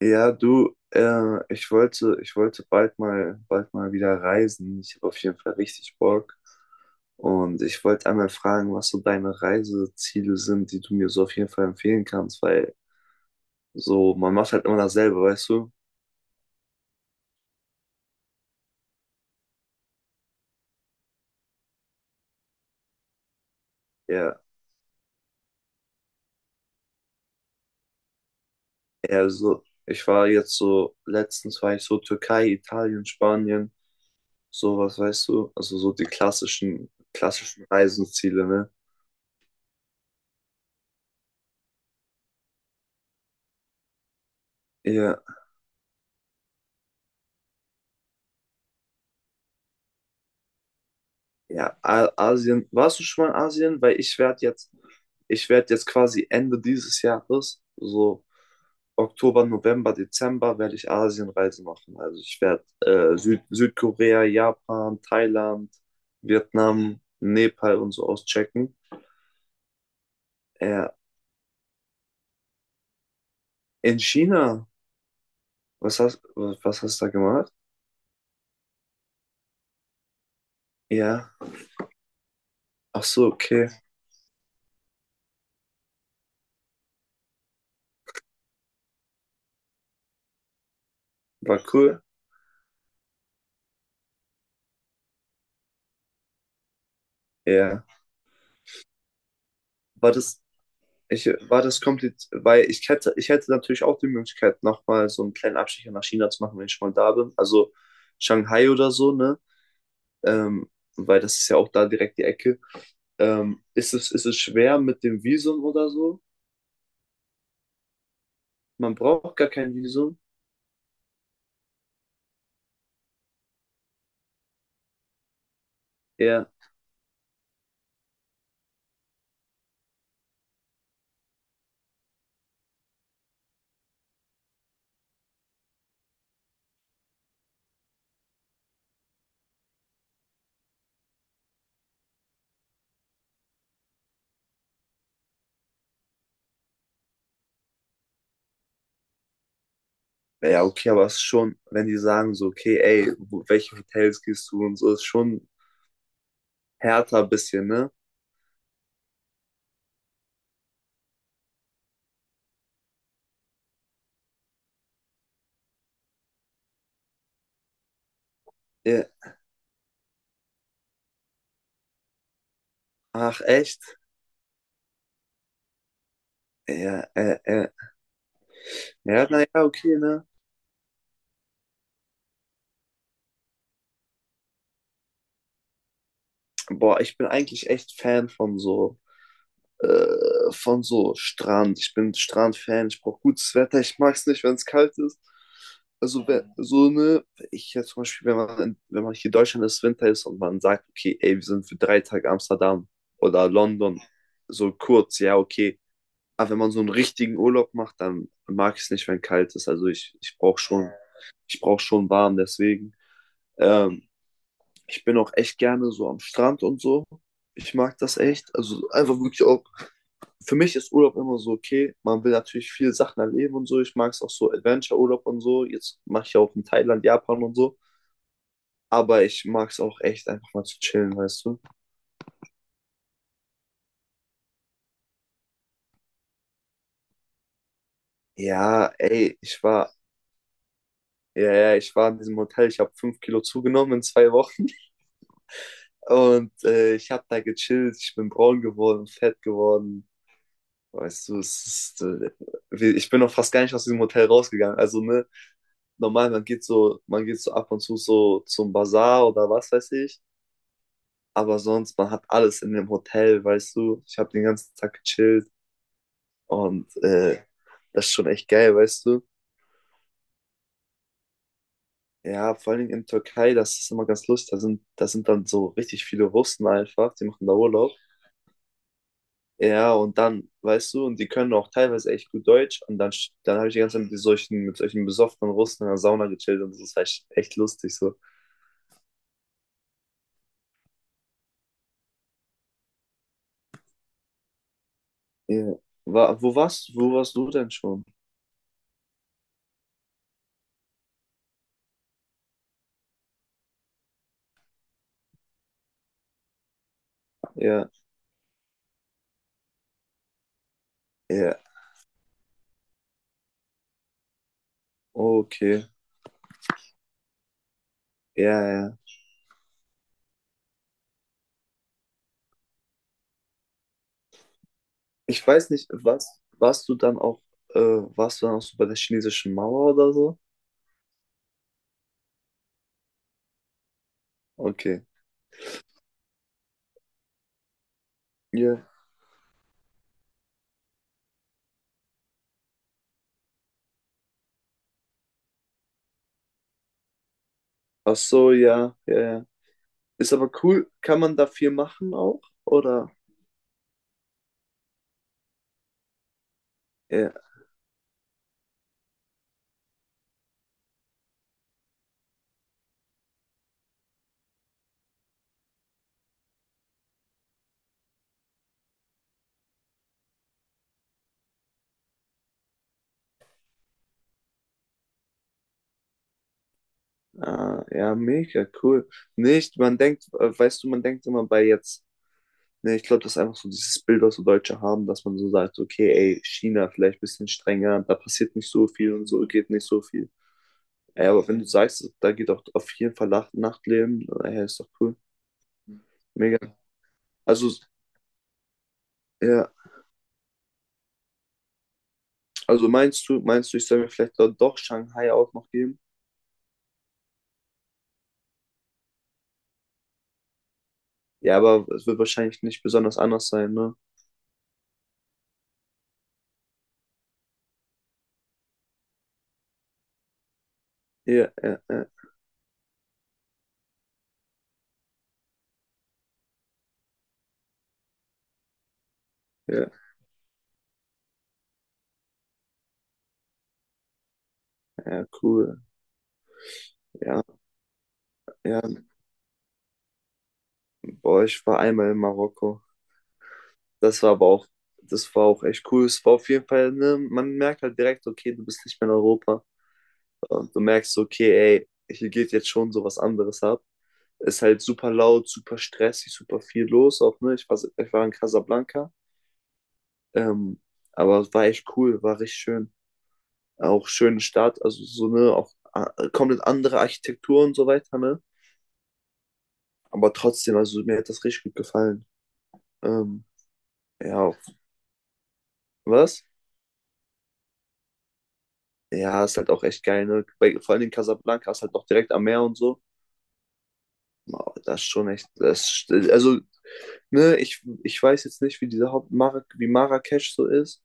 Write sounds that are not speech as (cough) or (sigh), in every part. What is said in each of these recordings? Ja, du, ich wollte bald mal wieder reisen. Ich habe auf jeden Fall richtig Bock. Und ich wollte einmal fragen, was so deine Reiseziele sind, die du mir so auf jeden Fall empfehlen kannst, weil so, man macht halt immer dasselbe, weißt du? Ja, eher so. Ich war jetzt so, letztens war ich so Türkei, Italien, Spanien, sowas, weißt du? Also so die klassischen Reiseziele, ne? Ja. Ja, Asien. Warst du schon mal in Asien? Weil ich werde jetzt quasi Ende dieses Jahres, so Oktober, November, Dezember, werde ich Asienreise machen. Also ich werde Südkorea, Japan, Thailand, Vietnam, Nepal und so auschecken. Ja, in China. Was hast du da gemacht? Ja. Ach so, okay. War cool. Ja. War das, war das kompliziert, weil ich hätte natürlich auch die Möglichkeit, nochmal so einen kleinen Abstecher nach China zu machen, wenn ich schon mal da bin. Also Shanghai oder so, ne? Ähm, weil das ist ja auch da direkt die Ecke. Ist es schwer mit dem Visum oder so? Man braucht gar kein Visum. Ja, ja, okay, aber es ist schon, wenn die sagen so, okay, ey, welche Hotels gehst du und so, ist schon härter ein bisschen, ne? Ja, ach, echt? Ja. Ja, naja, okay, ne? Boah, ich bin eigentlich echt Fan von so Strand. Ich bin Strand-Fan, ich brauche gutes Wetter, ich mag es nicht, wenn es kalt ist. Also, ja. wenn, so eine, ich jetzt zum Beispiel, wenn man hier in Deutschland ist, Winter ist und man sagt, okay, ey, wir sind für 3 Tage Amsterdam oder London, so kurz, ja, okay. Aber wenn man so einen richtigen Urlaub macht, dann mag ich es nicht, wenn kalt ist. Also ich brauche schon warm, deswegen. Ähm, Ich bin auch echt gerne so am Strand und so. Ich mag das echt. Also einfach wirklich auch für mich ist Urlaub immer so, okay, man will natürlich viele Sachen erleben und so. Ich mag es auch so Adventure-Urlaub und so. Jetzt mache ich ja auch in Thailand, Japan und so. Aber ich mag es auch echt einfach mal zu chillen, weißt du? Ja, ey, ja, ja, ich war in diesem Hotel. Ich habe 5 Kilo zugenommen in 2 Wochen. (laughs) Und ich habe da gechillt. Ich bin braun geworden, fett geworden. Weißt du, ich bin noch fast gar nicht aus diesem Hotel rausgegangen. Also, ne, normal, man geht so ab und zu so zum Bazar oder was weiß ich. Aber sonst, man hat alles in dem Hotel, weißt du. Ich habe den ganzen Tag gechillt und das ist schon echt geil, weißt du. Ja, vor allem in Türkei, das ist immer ganz lustig. Da sind dann so richtig viele Russen einfach, die machen da Urlaub. Ja, und dann, weißt du, und die können auch teilweise echt gut Deutsch. Und dann habe ich die ganze Zeit mit mit solchen besoffenen Russen in der Sauna gechillt und das ist echt, echt lustig so. Ja. Wo warst du denn schon? Ja, ja, okay. Ja, ja. Ich weiß nicht, warst du dann auch so bei der chinesischen Mauer oder so? Okay. Ja. Ach so, ja, ja, ja. Ist aber cool. Kann man da viel machen auch? Oder? Ja, ah, ja, mega cool. Nicht, man denkt, weißt du, man denkt immer bei jetzt, ne, ich glaube, das ist einfach so dieses Bild, was so Deutsche haben, dass man so sagt, okay, ey, China vielleicht ein bisschen strenger, da passiert nicht so viel und so geht nicht so viel. Ja, aber wenn du sagst, da geht auch auf jeden Fall Nachtleben, ja, ist doch cool. Mega. Also, ja, also meinst du, ich soll mir vielleicht dort doch Shanghai auch noch geben? Ja, aber es wird wahrscheinlich nicht besonders anders sein, ne? Ja, ja, ja, ja, ja, cool. Ja, ja. Boah, ich war einmal in Marokko. Das war aber auch, das war auch echt cool. Es war auf jeden Fall, ne, man merkt halt direkt, okay, du bist nicht mehr in Europa. Und du merkst, okay, ey, hier geht jetzt schon so was anderes ab. Ist halt super laut, super stressig, super viel los auch, ne? Ich war in Casablanca. Ähm, aber es war echt cool, war richtig schön. Auch schöne Stadt, also so, ne, auch komplett andere Architektur und so weiter, ne? Aber trotzdem, also mir hat das richtig gut gefallen. Ähm, ja, was? Ja, ist halt auch echt geil, ne? Vor allem in Casablanca ist halt auch direkt am Meer und so. Wow, das ist schon echt, also, ne, ich weiß jetzt nicht, wie diese Haupt Mar wie Marrakesch so ist,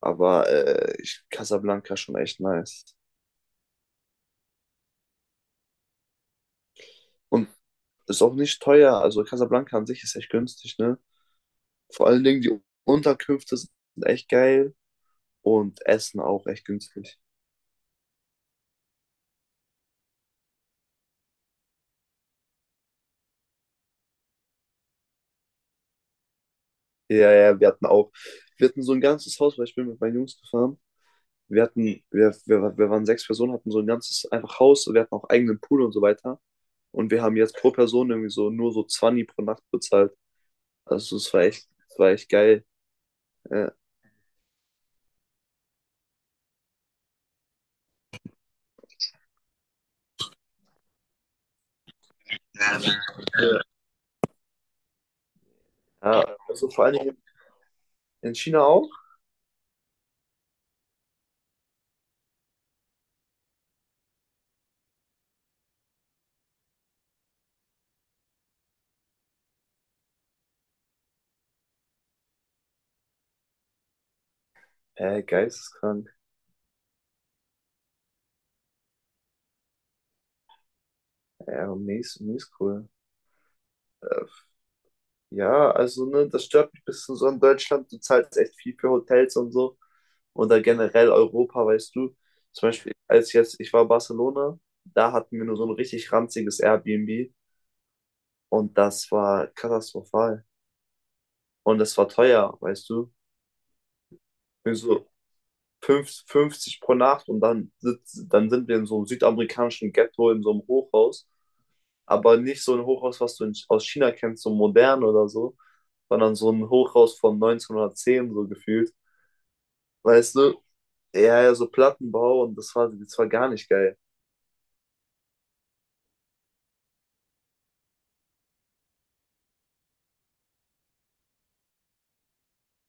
aber Casablanca ist schon echt nice. Und ist auch nicht teuer, also Casablanca an sich ist echt günstig, ne? Vor allen Dingen die Unterkünfte sind echt geil und Essen auch echt günstig. Ja, ja, wir hatten so ein ganzes Haus, weil ich bin mit meinen Jungs gefahren. Wir hatten, wir waren 6 Personen, hatten so ein ganzes einfach Haus, wir hatten auch eigenen Pool und so weiter. Und wir haben jetzt pro Person irgendwie so nur so 20 pro Nacht bezahlt. Also es war echt geil. Ja, ja also vor allen Dingen in China auch. Geisteskrank. Ja, mies, mies cool. Äh, Ja, also ne, das stört mich ein bisschen so in Deutschland. Du zahlst echt viel für Hotels und so. Oder generell Europa, weißt du. Zum Beispiel, ich war in Barcelona, da hatten wir nur so ein richtig ranziges Airbnb und das war katastrophal. Und das war teuer, weißt du. Irgendwie so 50 pro Nacht und dann sind wir in so einem südamerikanischen Ghetto, in so einem Hochhaus. Aber nicht so ein Hochhaus, was du aus China kennst, so modern oder so, sondern so ein Hochhaus von 1910 so gefühlt. Weißt du? Ja, ja, so Plattenbau und das war gar nicht geil.